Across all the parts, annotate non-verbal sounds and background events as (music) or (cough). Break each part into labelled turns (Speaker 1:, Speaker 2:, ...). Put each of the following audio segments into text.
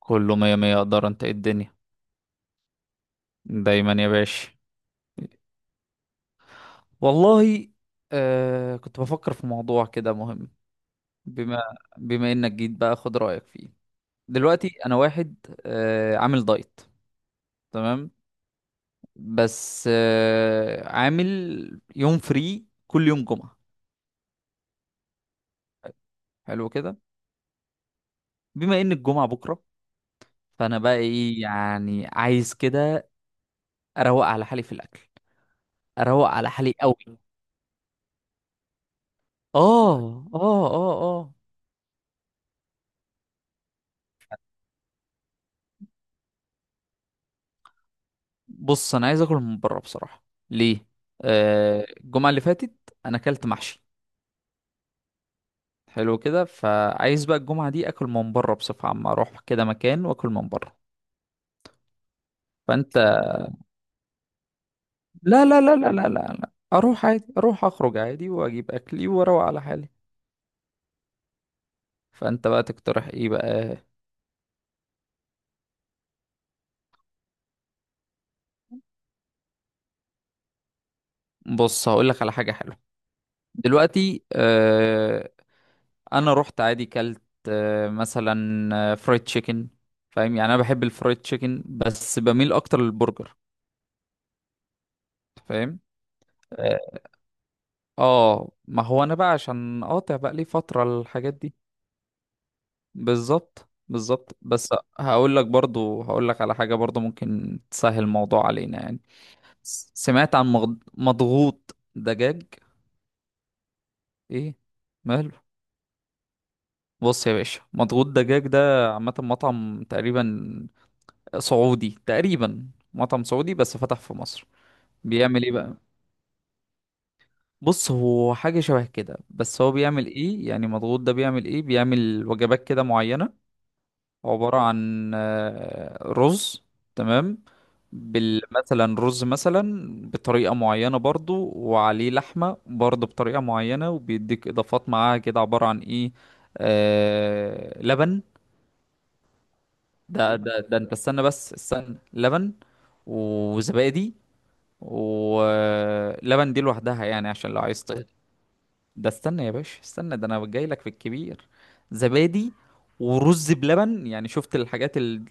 Speaker 1: كله مية مية، اقدر، انت إيه الدنيا؟ دايما يا باشا. والله. كنت بفكر في موضوع كده مهم. بما بما انك جيت بقى، خد رأيك فيه. دلوقتي انا واحد عامل دايت، تمام. بس عامل يوم فري كل يوم جمعة. حلو كده. بما ان الجمعة بكرة، فانا بقى ايه يعني، عايز كده اروق على حالي في الاكل، اروق على حالي قوي. اه اه. اه اه. بص، انا عايز اكل من بره بصراحه. ليه؟ الجمعه اللي فاتت انا اكلت محشي. حلو كده، فعايز بقى الجمعه دي اكل من بره بصفه عامه، اروح كده مكان واكل من بره. فانت، لا لا لا لا لا لا لا. اروح عادي، اروح اخرج عادي واجيب اكلي واروق على حالي. فانت بقى تقترح ايه بقى؟ بص، هقول لك على حاجه حلوه. دلوقتي انا رحت عادي كلت مثلا فرايد تشيكن. فاهم يعني، انا بحب الفرايد تشيكن بس بميل اكتر للبرجر. فاهم. اه، ما هو انا بقى عشان قاطع بقى لي فترة الحاجات دي. بالظبط بالظبط، بس هقول لك برضو، هقول لك على حاجة برضو ممكن تسهل الموضوع علينا يعني. سمعت عن مضغوط دجاج. ايه؟ ماله؟ بص يا باشا، مضغوط دجاج ده عامة مطعم تقريبا سعودي، تقريبا مطعم سعودي بس فتح في مصر. بيعمل ايه بقى؟ بص، هو حاجة شبه كده، بس هو بيعمل ايه يعني؟ مضغوط ده بيعمل ايه؟ بيعمل وجبات كده معينة، عبارة عن رز. تمام. بال مثلا رز مثلا بطريقة معينة برضو، وعليه لحمة برضو بطريقة معينة، وبيديك إضافات معاها كده، عبارة عن إيه؟ لبن. ده ده ده أنت استنى، بس استنى، لبن وزبادي، ولبن دي لوحدها يعني، عشان لو عايز ده استنى يا باشا، استنى، ده انا جاي لك في الكبير. زبادي ورز بلبن، يعني شفت الحاجات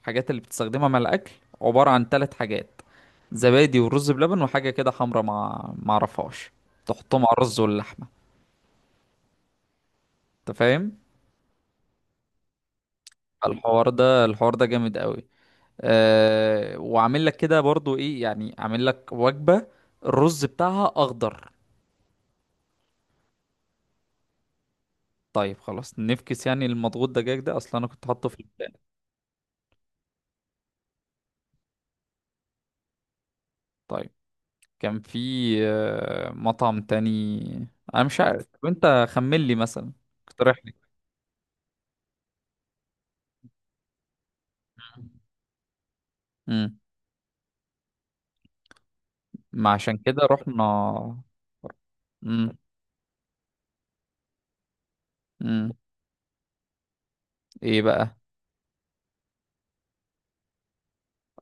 Speaker 1: الحاجات اللي بتستخدمها مع الاكل، عبارة عن ثلاث حاجات. زبادي ورز بلبن وحاجة كده حمرا مع ما اعرفهاش، تحطهم على الرز واللحمة. انت فاهم؟ الحوار ده، الحوار ده جامد قوي. أه، وعامل لك كده برضو ايه يعني؟ عامل لك وجبة الرز بتاعها اخضر. طيب خلاص، نفكس يعني المضغوط دجاج ده اصلا، انا كنت حاطه في البداية. طيب، كان في مطعم تاني. انا مش عارف، وانت خمن لي مثلا. اقترح لي. امم. ما عشان كده رحنا. امم. امم. ايه بقى؟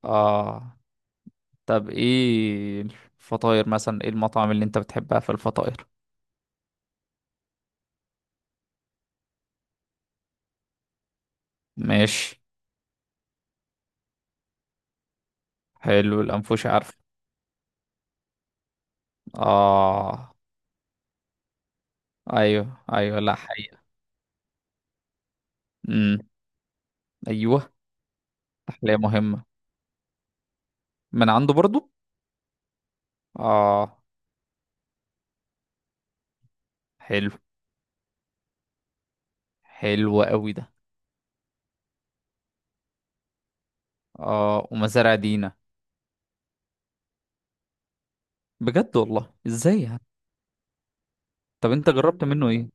Speaker 1: اه. طب ايه الفطاير مثلا، ايه المطعم اللي انت بتحبها في الفطاير؟ ماشي. حلو، الانفوش عارف. اه. ايوه ايوه، لا حقيقة. امم. ايوه، تحلية مهمة. من عنده برضو. اه. حلو، حلو قوي ده. اه، ومزارع دينا. بجد والله، ازاي يعني؟ طب انت جربت منه ايه؟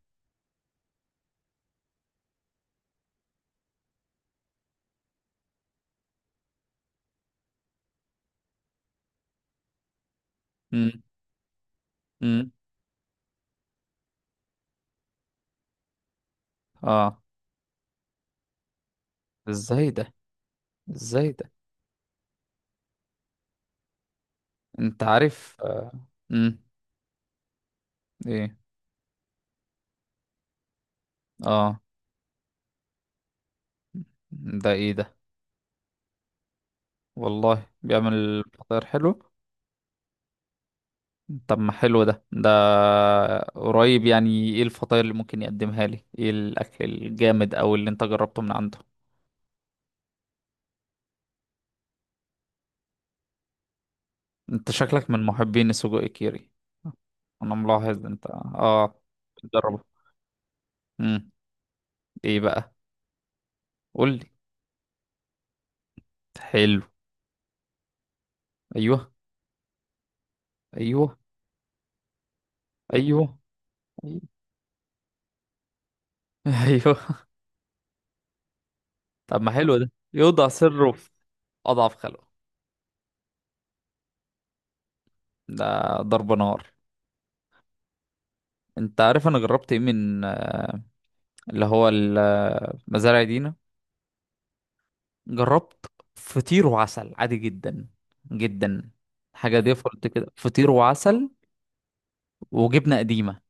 Speaker 1: امم. امم. اه. ازاي ده؟ ازاي ده؟ انت عارف امم. ايه؟ اه. ده ايه ده؟ والله بيعمل فطاير حلو؟ طب ما حلو ده، ده قريب يعني، ايه الفطاير اللي ممكن يقدمها لي، ايه الاكل الجامد او اللي انت جربته من عنده؟ انت شكلك من محبين السجق كيري. انا ملاحظ انت اه. بتجربه. امم. ايه بقى؟ قول لي. حلو. ايوه ايوه. ايوه ايوه (laughs) ايوه. طب ما حلو ده، يوضع سره في اضعف خلقه. ده ضرب نار. انت عارف انا جربت ايه من اللي هو مزارع دينا؟ جربت فطير وعسل عادي جدا، جدا. حاجه ديفولت كده، فطير وعسل وجبنه قديمه.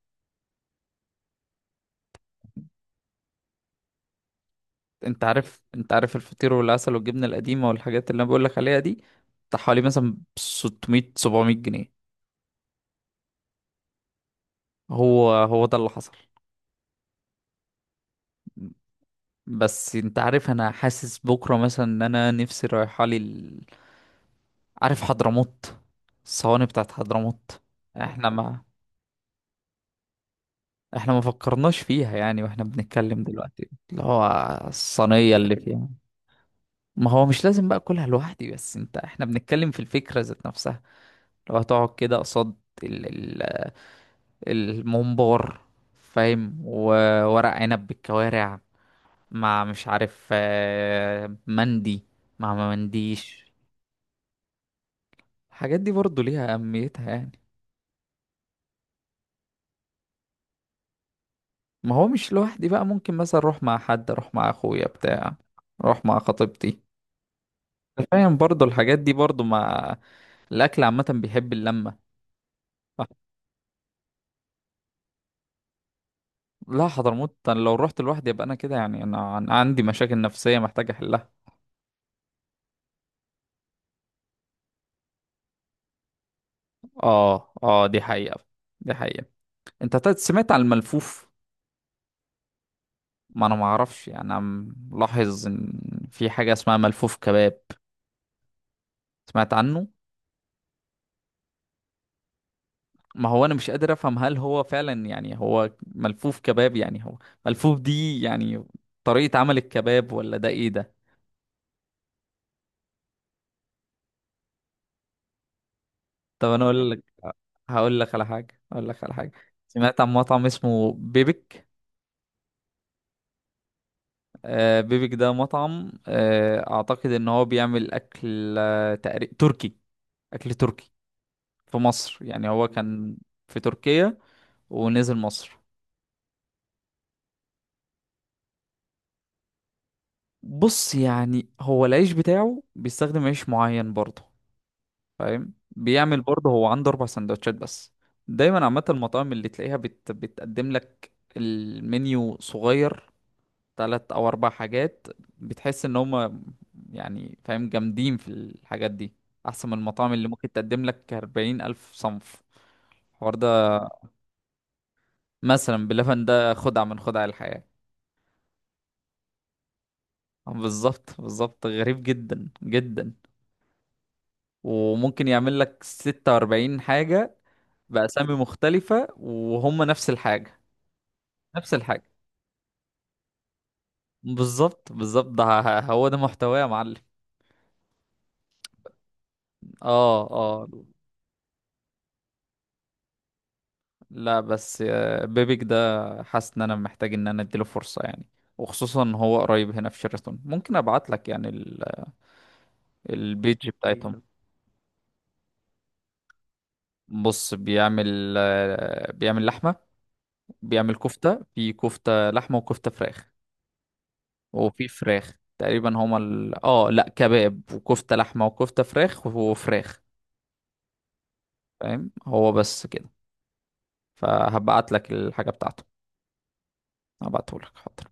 Speaker 1: انت عارف، انت عارف الفطير والعسل والجبنه القديمه والحاجات اللي انا بقول لك عليها دي بتاع حوالي مثلا 600 700 جنيه. هو هو ده اللي حصل. بس انت عارف، انا حاسس بكرة مثلا ان انا نفسي رايحة لي عارف حضرموت، الصواني بتاعت حضرموت. احنا ما احنا ما فكرناش فيها يعني، واحنا بنتكلم دلوقتي اللي هو الصينية اللي فيها. ما هو مش لازم بقى اكلها لوحدي، بس انت، احنا بنتكلم في الفكرة ذات نفسها. لو هتقعد كده قصاد ال... ال... الممبار، فاهم، وورق عنب بالكوارع، مع مش عارف مندي مع ما منديش. الحاجات دي برضه ليها أهميتها يعني. ما هو مش لوحدي بقى، ممكن مثلا أروح مع حد، أروح مع أخويا بتاع، أروح مع خطيبتي. أنت فاهم برضه الحاجات دي برضه مع الأكل عامة، بيحب اللمة. ف- لا حضرموت أنا لو رحت لوحدي يبقى أنا كده يعني، أنا عندي مشاكل نفسية محتاج أحلها. آه آه، دي حقيقة، دي حقيقة. أنت سمعت عن الملفوف؟ ما أنا معرفش يعني، أنا ملاحظ إن في حاجة اسمها ملفوف كباب. سمعت عنه؟ ما هو انا مش قادر افهم، هل هو فعلا يعني هو ملفوف كباب، يعني هو ملفوف دي يعني طريقة عمل الكباب، ولا ده ايه ده؟ طب انا اقول لك، هقول لك على حاجة، هقول لك على حاجة. سمعت عن مطعم اسمه بيبك؟ بيبك ده مطعم، اعتقد ان هو بيعمل اكل تركي. اكل تركي في مصر يعني، هو كان في تركيا ونزل مصر. بص يعني، هو العيش بتاعه بيستخدم عيش معين برضه. فاهم بيعمل برضه، هو عنده 4 سندوتشات بس. دايما عامه المطاعم اللي تلاقيها بتقدم لك المنيو صغير، تلات او 4 حاجات. بتحس ان هم يعني فاهم جامدين في الحاجات دي، احسن من المطاعم اللي ممكن تقدم لك 40,000 صنف. الحوار ده، مثلا بلبن ده خدعة من خدع الحياة. بالظبط بالظبط، غريب جدا جدا. وممكن يعمل لك 46 حاجة بأسامي مختلفة وهم نفس الحاجة، نفس الحاجة. بالظبط بالظبط، ده هو ده محتواه يا معلم. اه اه. لا بس بيبيك ده حاسس ان انا محتاج ان انا اديله فرصة يعني، وخصوصا ان هو قريب هنا في شيراتون، ممكن ابعت لك يعني البيج بتاعتهم. بص بيعمل بيعمل لحمة، بيعمل كفتة. في كفتة لحمة وكفتة فراخ، وفي فراخ تقريبا، هما ال... اه لا كباب وكفتة لحمة وكفتة فراخ وفراخ. فاهم هو بس كده. فهبعت لك الحاجة بتاعته. هبعته لك، حاضر.